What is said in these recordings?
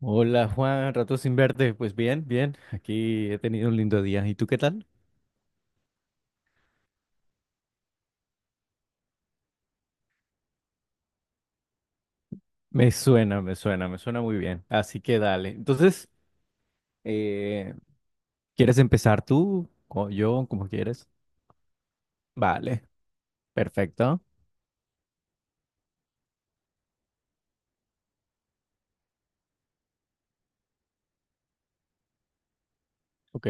Hola Juan, rato sin verte. Pues bien, bien. Aquí he tenido un lindo día. ¿Y tú qué tal? Me suena, me suena, me suena muy bien. Así que dale. Entonces, eh, ¿quieres empezar tú o yo, como quieres? Vale, perfecto. Ok.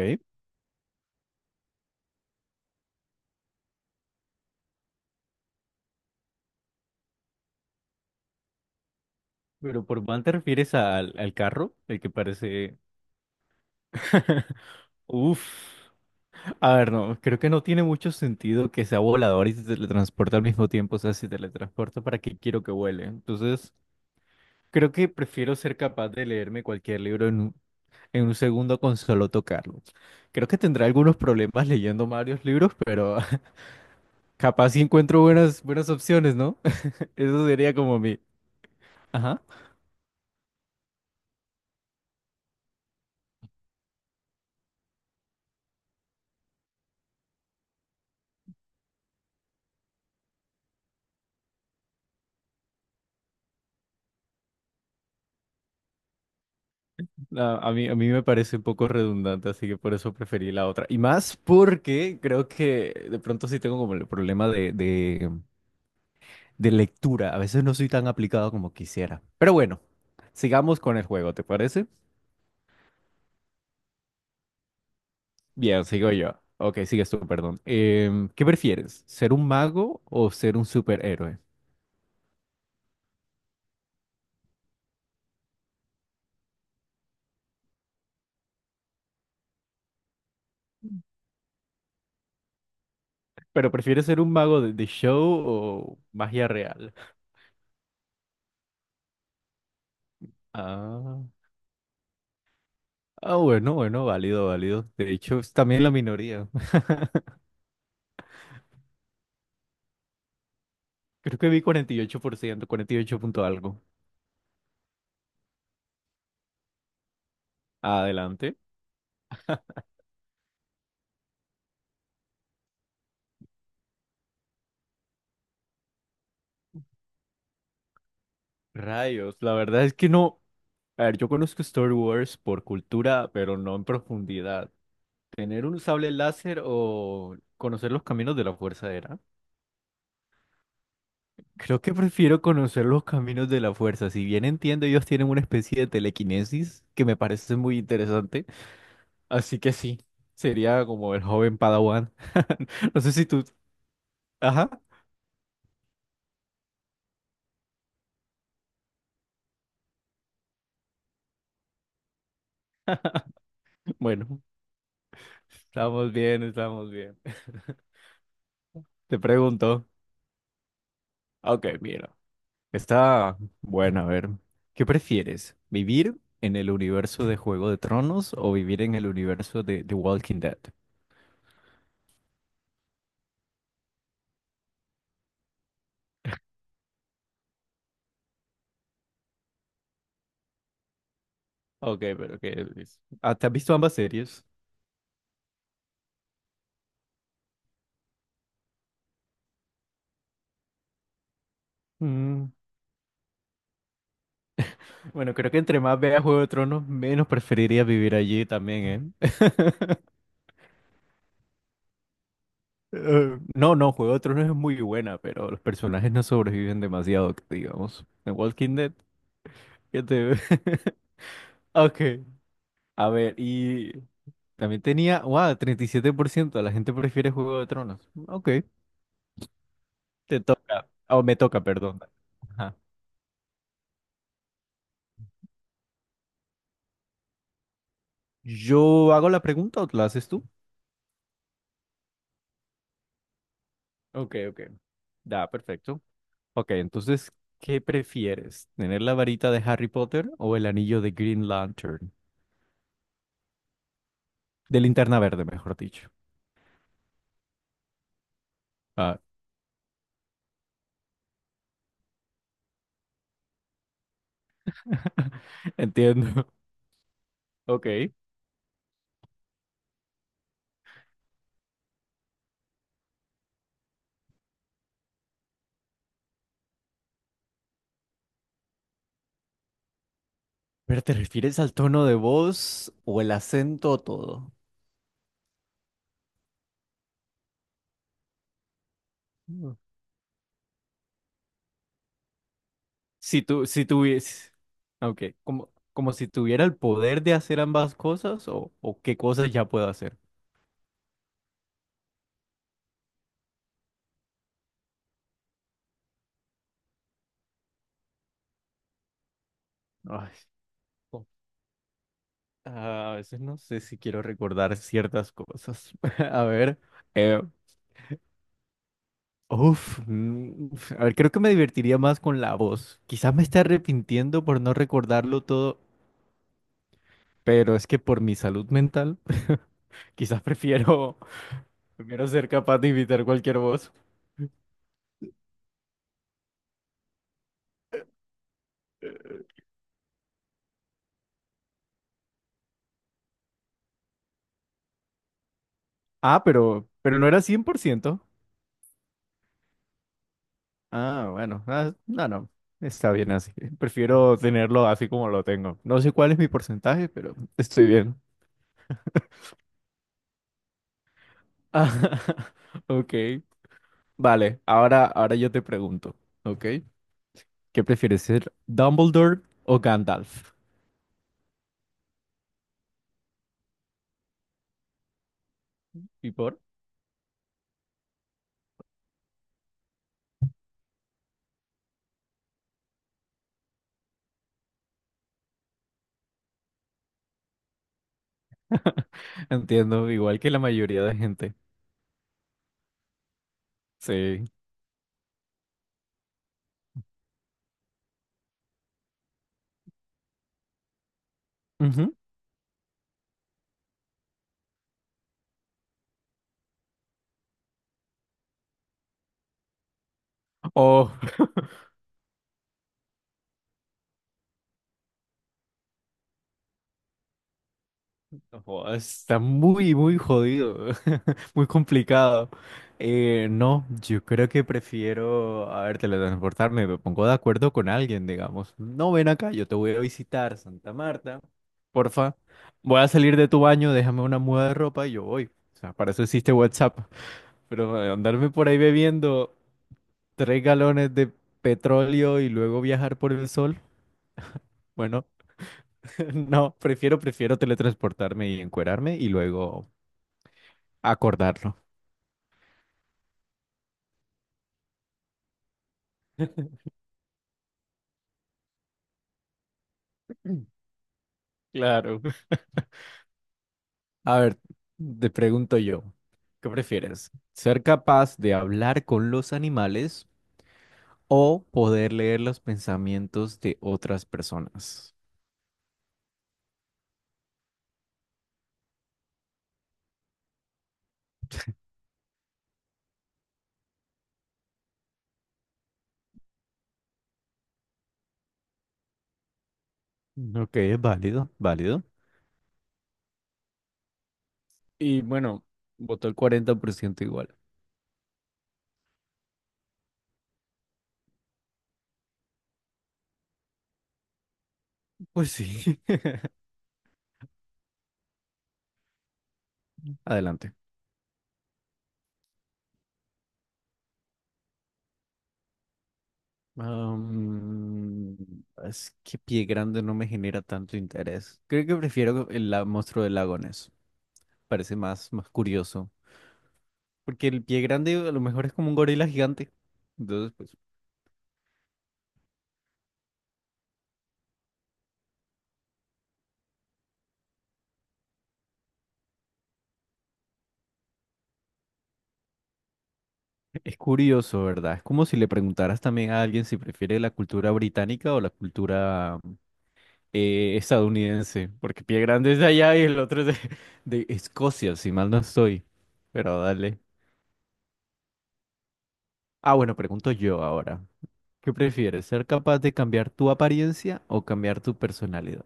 Pero por van te refieres al carro, el que parece... Uf. A ver, no, creo que no tiene mucho sentido que sea volador y se teletransporte al mismo tiempo. O sea, si teletransporta, ¿para qué quiero que vuele? Entonces... Creo que prefiero ser capaz de leerme cualquier libro en un segundo con solo tocarlo. Creo que tendré algunos problemas leyendo varios libros, pero capaz sí encuentro buenas, buenas opciones, ¿no? Eso sería como mi... Ajá. A mí me parece un poco redundante, así que por eso preferí la otra. Y más porque creo que de pronto sí tengo como el problema de lectura. A veces no soy tan aplicado como quisiera. Pero bueno, sigamos con el juego, ¿te parece? Bien, sigo yo. Ok, sigues tú, perdón. Em, ¿qué prefieres? ¿Ser un mago o ser un superhéroe? ¿Pero prefieres ser un mago de show o magia real? Ah, ah, bueno, bueno, válido, válido. De hecho, es también la minoría. Creo que vi 48%, 48 punto algo. Adelante. Rayos, la verdad es que no. A ver, yo conozco Star Wars por cultura, pero no en profundidad. ¿Tener un sable láser o conocer los caminos de la fuerza era? Creo que prefiero conocer los caminos de la fuerza. Si bien entiendo, ellos tienen una especie de telequinesis que me parece muy interesante. Así que sí, sería como el joven Padawan. No sé si tú... Ajá, bueno, estamos bien, estamos bien. Te pregunto. Ok, mira. Está bueno, a ver. ¿Qué prefieres? ¿Vivir en el universo de Juego de Tronos o vivir en el universo de The Walking Dead? Ok, pero ¿qué es? Ah, ¿te has visto ambas series? Mm. Bueno, creo que entre más vea Juego de Tronos, menos preferiría vivir allí también, ¿eh? No, no, Juego de Tronos es muy buena, pero los personajes no sobreviven demasiado, que digamos. En Walking Dead, ¿qué te... Ok, a ver, y también tenía, wow, 37% de la gente prefiere Juego de Tronos. Ok, te toca, o me toca, perdón. Ajá. ¿Yo hago la pregunta o la haces tú? Ok, ok. Da, perfecto. Ok, entonces, ¿qué prefieres? ¿Tener la varita de Harry Potter o el anillo de Green Lantern? De linterna verde, mejor dicho. Ah, entiendo. Ok. ¿Pero te refieres al tono de voz o el acento o todo? Mm. Si tuvies... Ok, como si tuviera el poder de hacer ambas cosas o qué cosas ya puedo hacer. Ay, co- ah, a veces no sé si quiero recordar ciertas cosas. A ver, eh, Uf, uf, a ver, creo que me divertiría más con la voz. Quizás me esté arrepintiendo por no recordarlo todo, pero es que por mi salud mental, quizás prefiero, ser capaz de imitar cualquier voz. Ah, pero no era 100%. Ah, bueno, ah, no, no, está bien así. Prefiero tenerlo así como lo tengo. No sé cuál es mi porcentaje, pero estoy bien. Ah, ok, vale, ahora yo te pregunto, ¿ok? ¿Qué prefieres ser, Dumbledore o Gandalf? ¿Y por? Entiendo, igual que la mayoría de gente. Sí. Ujú. Oh, oh, está muy, muy jodido, muy complicado. No, yo creo que prefiero, a ver, teletransportarme, me pongo de acuerdo con alguien, digamos. No, ven acá, yo te voy a visitar, Santa Marta. Porfa, voy a salir de tu baño, déjame una muda de ropa y yo voy. O sea, para eso existe WhatsApp. Pero andarme por ahí bebiendo, 3 galones de petróleo y luego viajar por el sol. Bueno, no, prefiero teletransportarme y encuerarme y luego acordarlo. Mm. Claro. A ver, te pregunto yo, ¿qué prefieres? ¿Ser capaz de hablar con los animales o poder leer los pensamientos de otras personas? Ok, es válido, válido. Y bueno, votó el 40% igual. Pues sí. Adelante. Am, es que Pie Grande no me genera tanto interés. Creo que prefiero Monstruo de Lagones. Parece más, más curioso. Porque el Pie Grande a lo mejor es como un gorila gigante. Entonces, pues, es curioso, ¿verdad? Es como si le preguntaras también a alguien si prefiere la cultura británica o la cultura estadounidense. Porque Pie Grande es de allá y el otro es de Escocia, si mal no estoy. Pero dale. Ah, bueno, pregunto yo ahora. ¿Qué prefieres, ser capaz de cambiar tu apariencia o cambiar tu personalidad?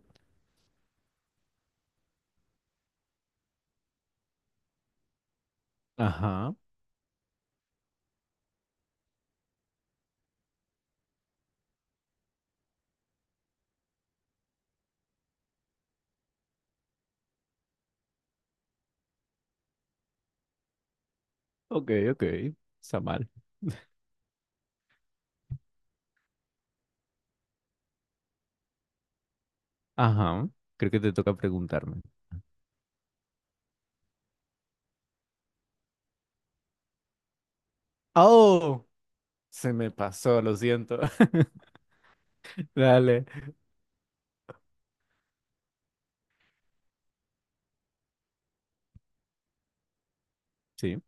Ajá, ok, ok, está mal. Ajá, creo que te toca preguntarme. ¡Oh! Se me pasó, lo siento. Dale. Sí.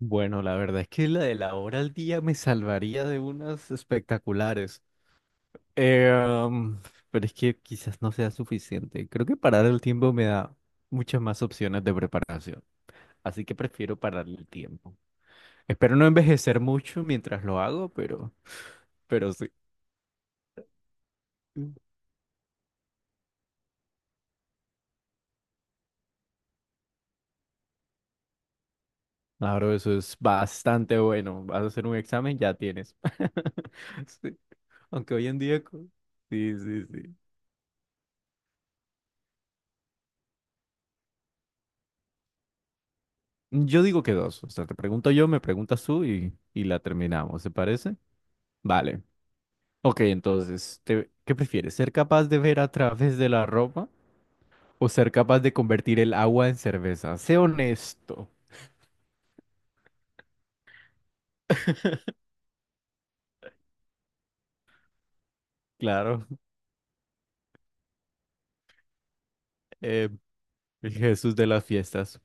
Bueno, la verdad es que la de la hora al día me salvaría de unas espectaculares. Eh, um, pero es que quizás no sea suficiente. Creo que parar el tiempo me da muchas más opciones de preparación. Así que prefiero parar el tiempo. Espero no envejecer mucho mientras lo hago, pero, sí. Claro, eso es bastante bueno. Vas a hacer un examen, ya tienes. Sí. Aunque hoy en día... co- Sí, sí, sí. Yo digo que dos. O sea, te pregunto yo, me preguntas tú y la terminamos, ¿se parece? Vale. Ok, entonces, ¿qué prefieres? ¿Ser capaz de ver a través de la ropa o ser capaz de convertir el agua en cerveza? Sé honesto. Claro, eh, el Jesús de las fiestas.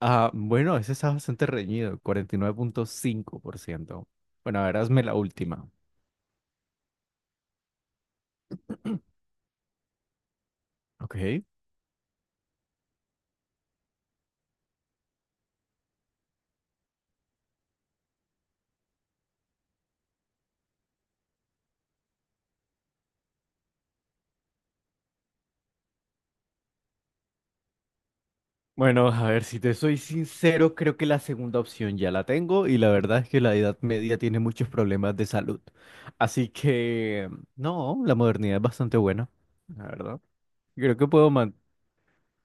Ah, bueno, ese está bastante reñido, 49,5%. Bueno, ahora hazme la última. Ok. Bueno, a ver, si te soy sincero, creo que la segunda opción ya la tengo y la verdad es que la Edad Media tiene muchos problemas de salud. Así que, no, la modernidad es bastante buena, la verdad. Creo que puedo man...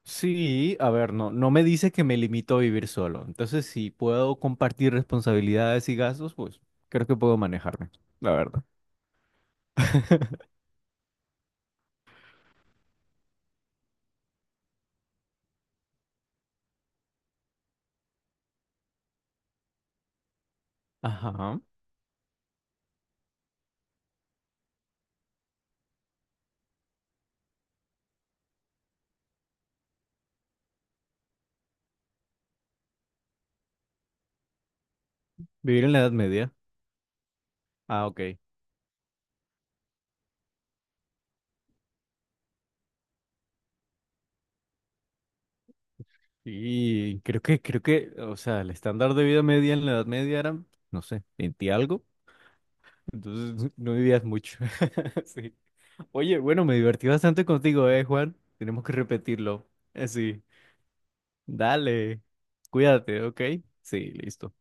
Sí, a ver, no, no me dice que me limito a vivir solo. Entonces, si puedo compartir responsabilidades y gastos, pues creo que puedo manejarme, la verdad. Ajá. Vivir en la Edad Media. Ah, ok. Y creo que, o sea, el estándar de vida media en la Edad Media era, no sé, 20 algo. Entonces no vivías mucho. Sí. Oye, bueno, me divertí bastante contigo, ¿eh, Juan? Tenemos que repetirlo. Sí. Dale. Cuídate, ¿ok? Sí, listo.